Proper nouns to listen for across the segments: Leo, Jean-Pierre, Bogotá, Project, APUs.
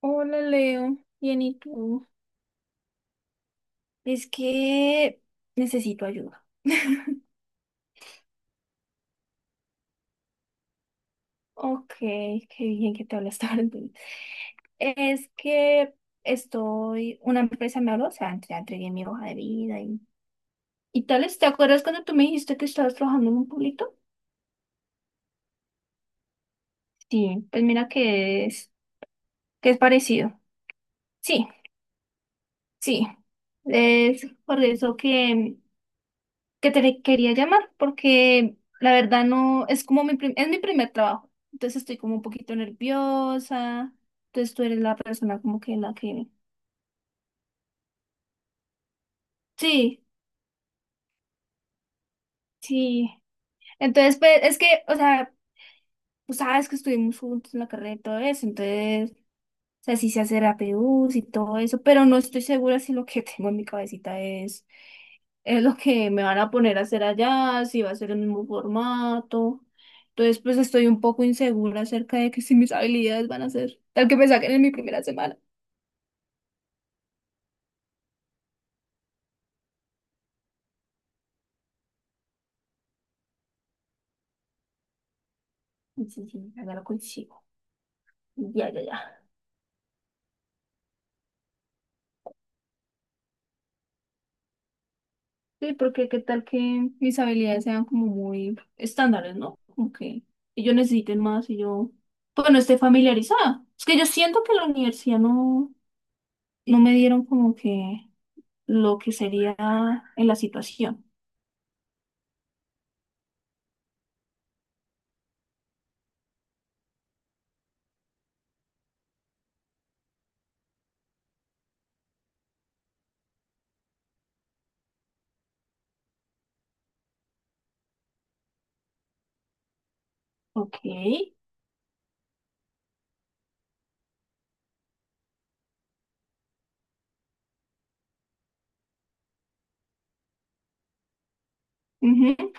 Hola Leo, bien y tú. Es que necesito ayuda. Ok, qué bien que te hablas tarde. Es que estoy, una empresa me habló, o sea, entregué mi hoja de vida y tales. ¿Te acuerdas cuando tú me dijiste que estabas trabajando en un pueblito? Sí, pues mira que es parecido. Sí, sí. Es por eso que te quería llamar porque la verdad no, es como mi, es mi primer trabajo, entonces estoy como un poquito nerviosa, entonces tú eres la persona como que la que... Sí, sí. Entonces, pues es que, o sea, tú sabes que estuvimos juntos en la carrera y todo eso, entonces, o sea, sí sé hacer APUs y todo eso, pero no estoy segura si lo que tengo en mi cabecita es lo que me van a poner a hacer allá, si va a ser el mismo formato. Entonces, pues estoy un poco insegura acerca de que si mis habilidades van a ser tal que me saquen en mi primera semana. Sí, sí, sí, ya lo consigo. Ya, ya, ya. Sí, porque qué tal que mis habilidades sean como muy estándares, ¿no? Como que ellos necesiten más y yo, pues no esté familiarizada. Es que yo siento que en la universidad no, no me dieron como que lo que sería en la situación. Ok. Ujú,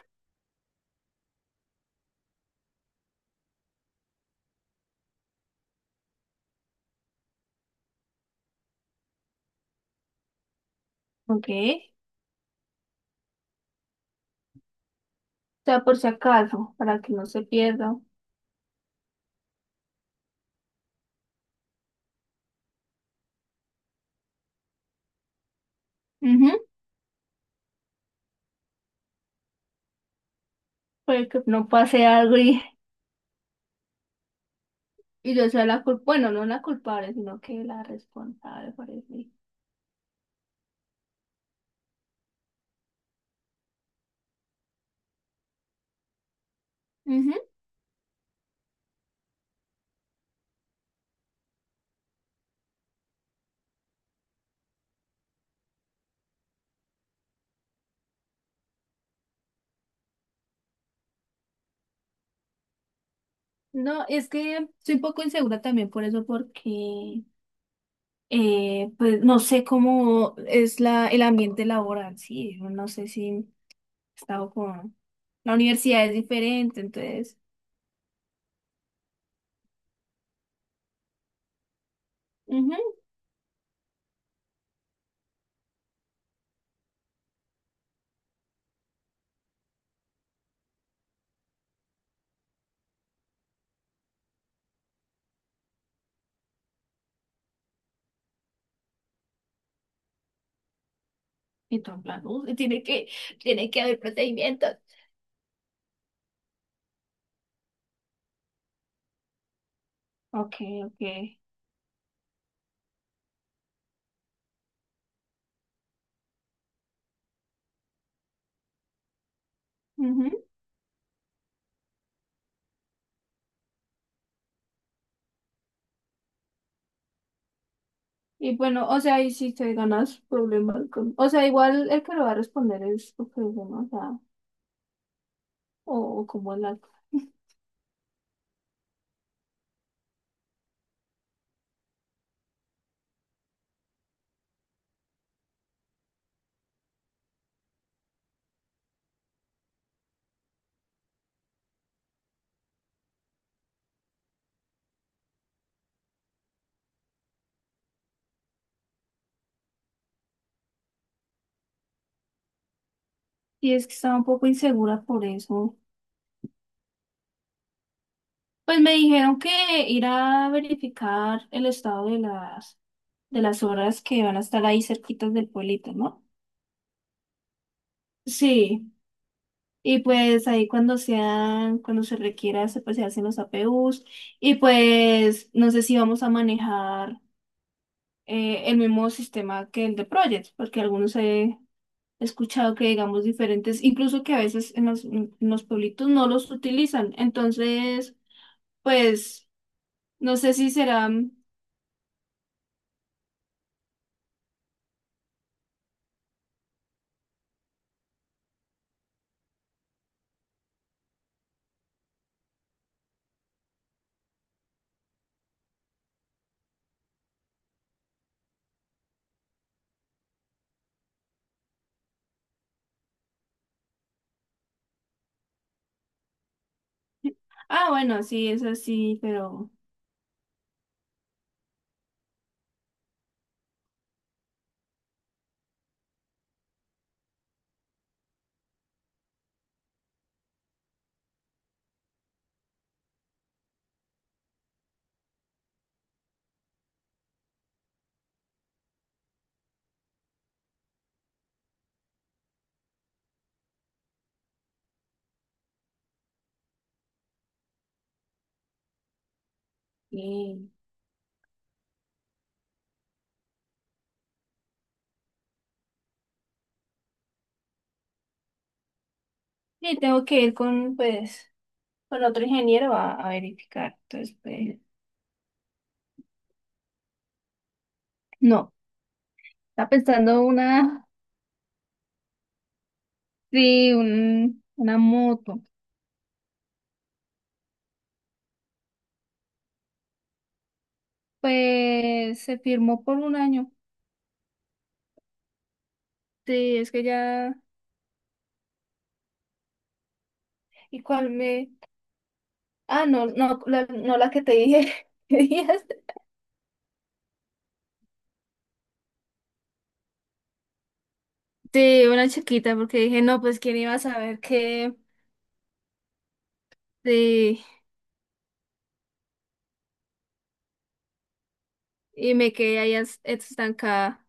ok. Sea, por si acaso, para que no se pierda. Ujú. Para que no pase algo y yo sea la culpable, bueno, no la culpable, sino que la responsable, parece. Ujú. No, es que soy un poco insegura también por eso, porque pues no sé cómo es la, el ambiente laboral, sí, yo no sé si he estado con la universidad es diferente, entonces, ujú. Y todo en plan: tiene que haber procedimientos". Ok, ok. Ujú. Y bueno, o sea, y si te ganas problemas con... O sea, igual el que lo va a responder es tu problema, o sea, o como el algo. Y es que estaba un poco insegura por eso. Pues me dijeron que ir a verificar el estado de las obras que van a estar ahí cerquitas del pueblito, ¿no? Sí. Y pues ahí cuando sean, cuando se requiera, se, pues, se hacen los APUs. Y pues no sé si vamos a manejar el mismo sistema que el de Project, porque algunos se he escuchado que digamos diferentes, incluso que a veces en los pueblitos no los utilizan. Entonces, pues, no sé si será... Ah, bueno, sí, es así, pero... Sí, sí, tengo que ir con, pues, con otro ingeniero a verificar. Entonces, pues... No, está pensando una, sí, una moto. Pues se firmó por un año. Sí, es que ya. ¿Y cuál me? Ah, no, no, la, no la que te dije. Sí, una chiquita, porque dije, no, pues quién iba a saber que sí, y me quedé ahí estancada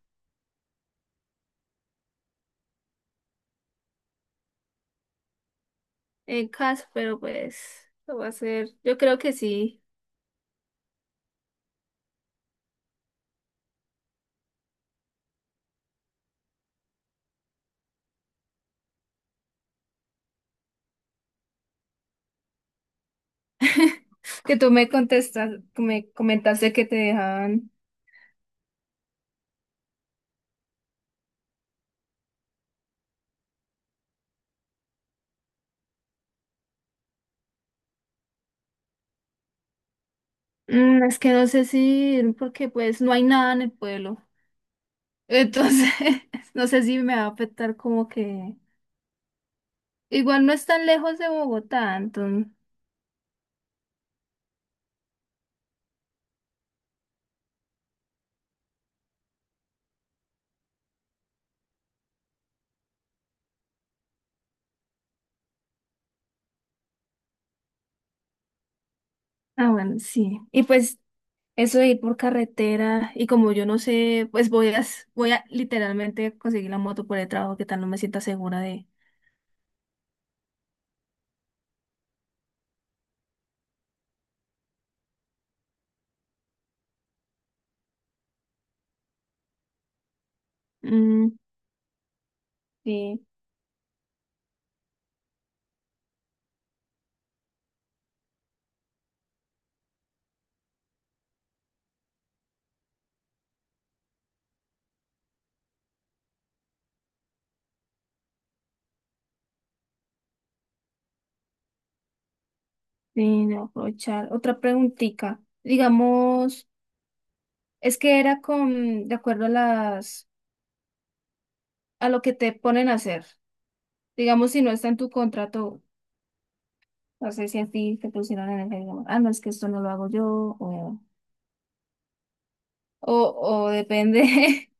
en casa, pero pues lo voy a hacer. Yo creo que sí, que tú me contestas, me comentaste que te dejaban. Mm, es que no sé si ir, porque pues no hay nada en el pueblo. Entonces, no sé si me va a afectar como que igual no es tan lejos de Bogotá, entonces. Ah, bueno, sí. Y pues eso de ir por carretera y como yo no sé, pues voy a, voy a literalmente conseguir la moto por el trabajo, que tal no me sienta segura de... Mm, sí, sí, de aprovechar. Otra preguntita. Digamos, es que era con, de acuerdo a las, a lo que te ponen a hacer. Digamos, si no está en tu contrato, no sé si a ti te pusieron en el jefe, ah, no, es que esto no lo hago yo, o, o depende.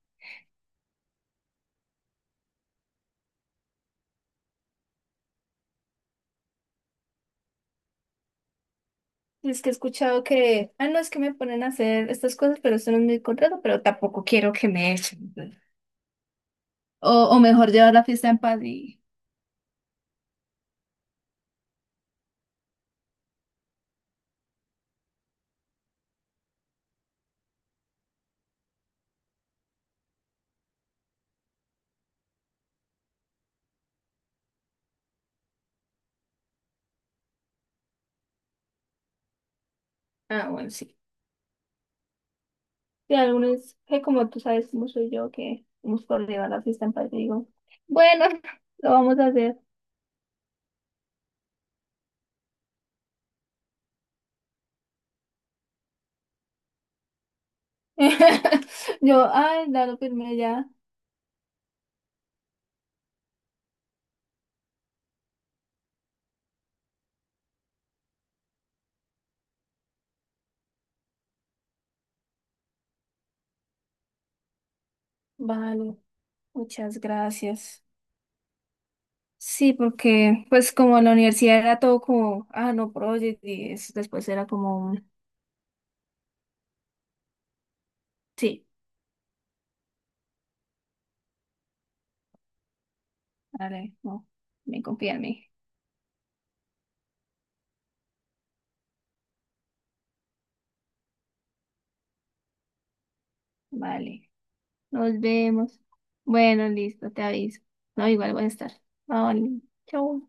Es que he escuchado que, ah, no, es que me ponen a hacer estas cosas, pero esto no es mi contrato, pero tampoco quiero que me echen. O, o mejor llevar la fiesta en paz y, ah, bueno, sí. Y algunos que como tú sabes cómo soy yo, que hemos por llevar la fiesta en paz y digo, bueno, lo vamos a hacer. Yo, ay, dale, firme ya. Vale, muchas gracias. Sí, porque pues como en la universidad era todo como, ah, no, Project, y después era como, un, sí, vale, no, me confía en mí, vale, nos vemos. Bueno, listo, te aviso. No, igual voy a estar. Vale, chao.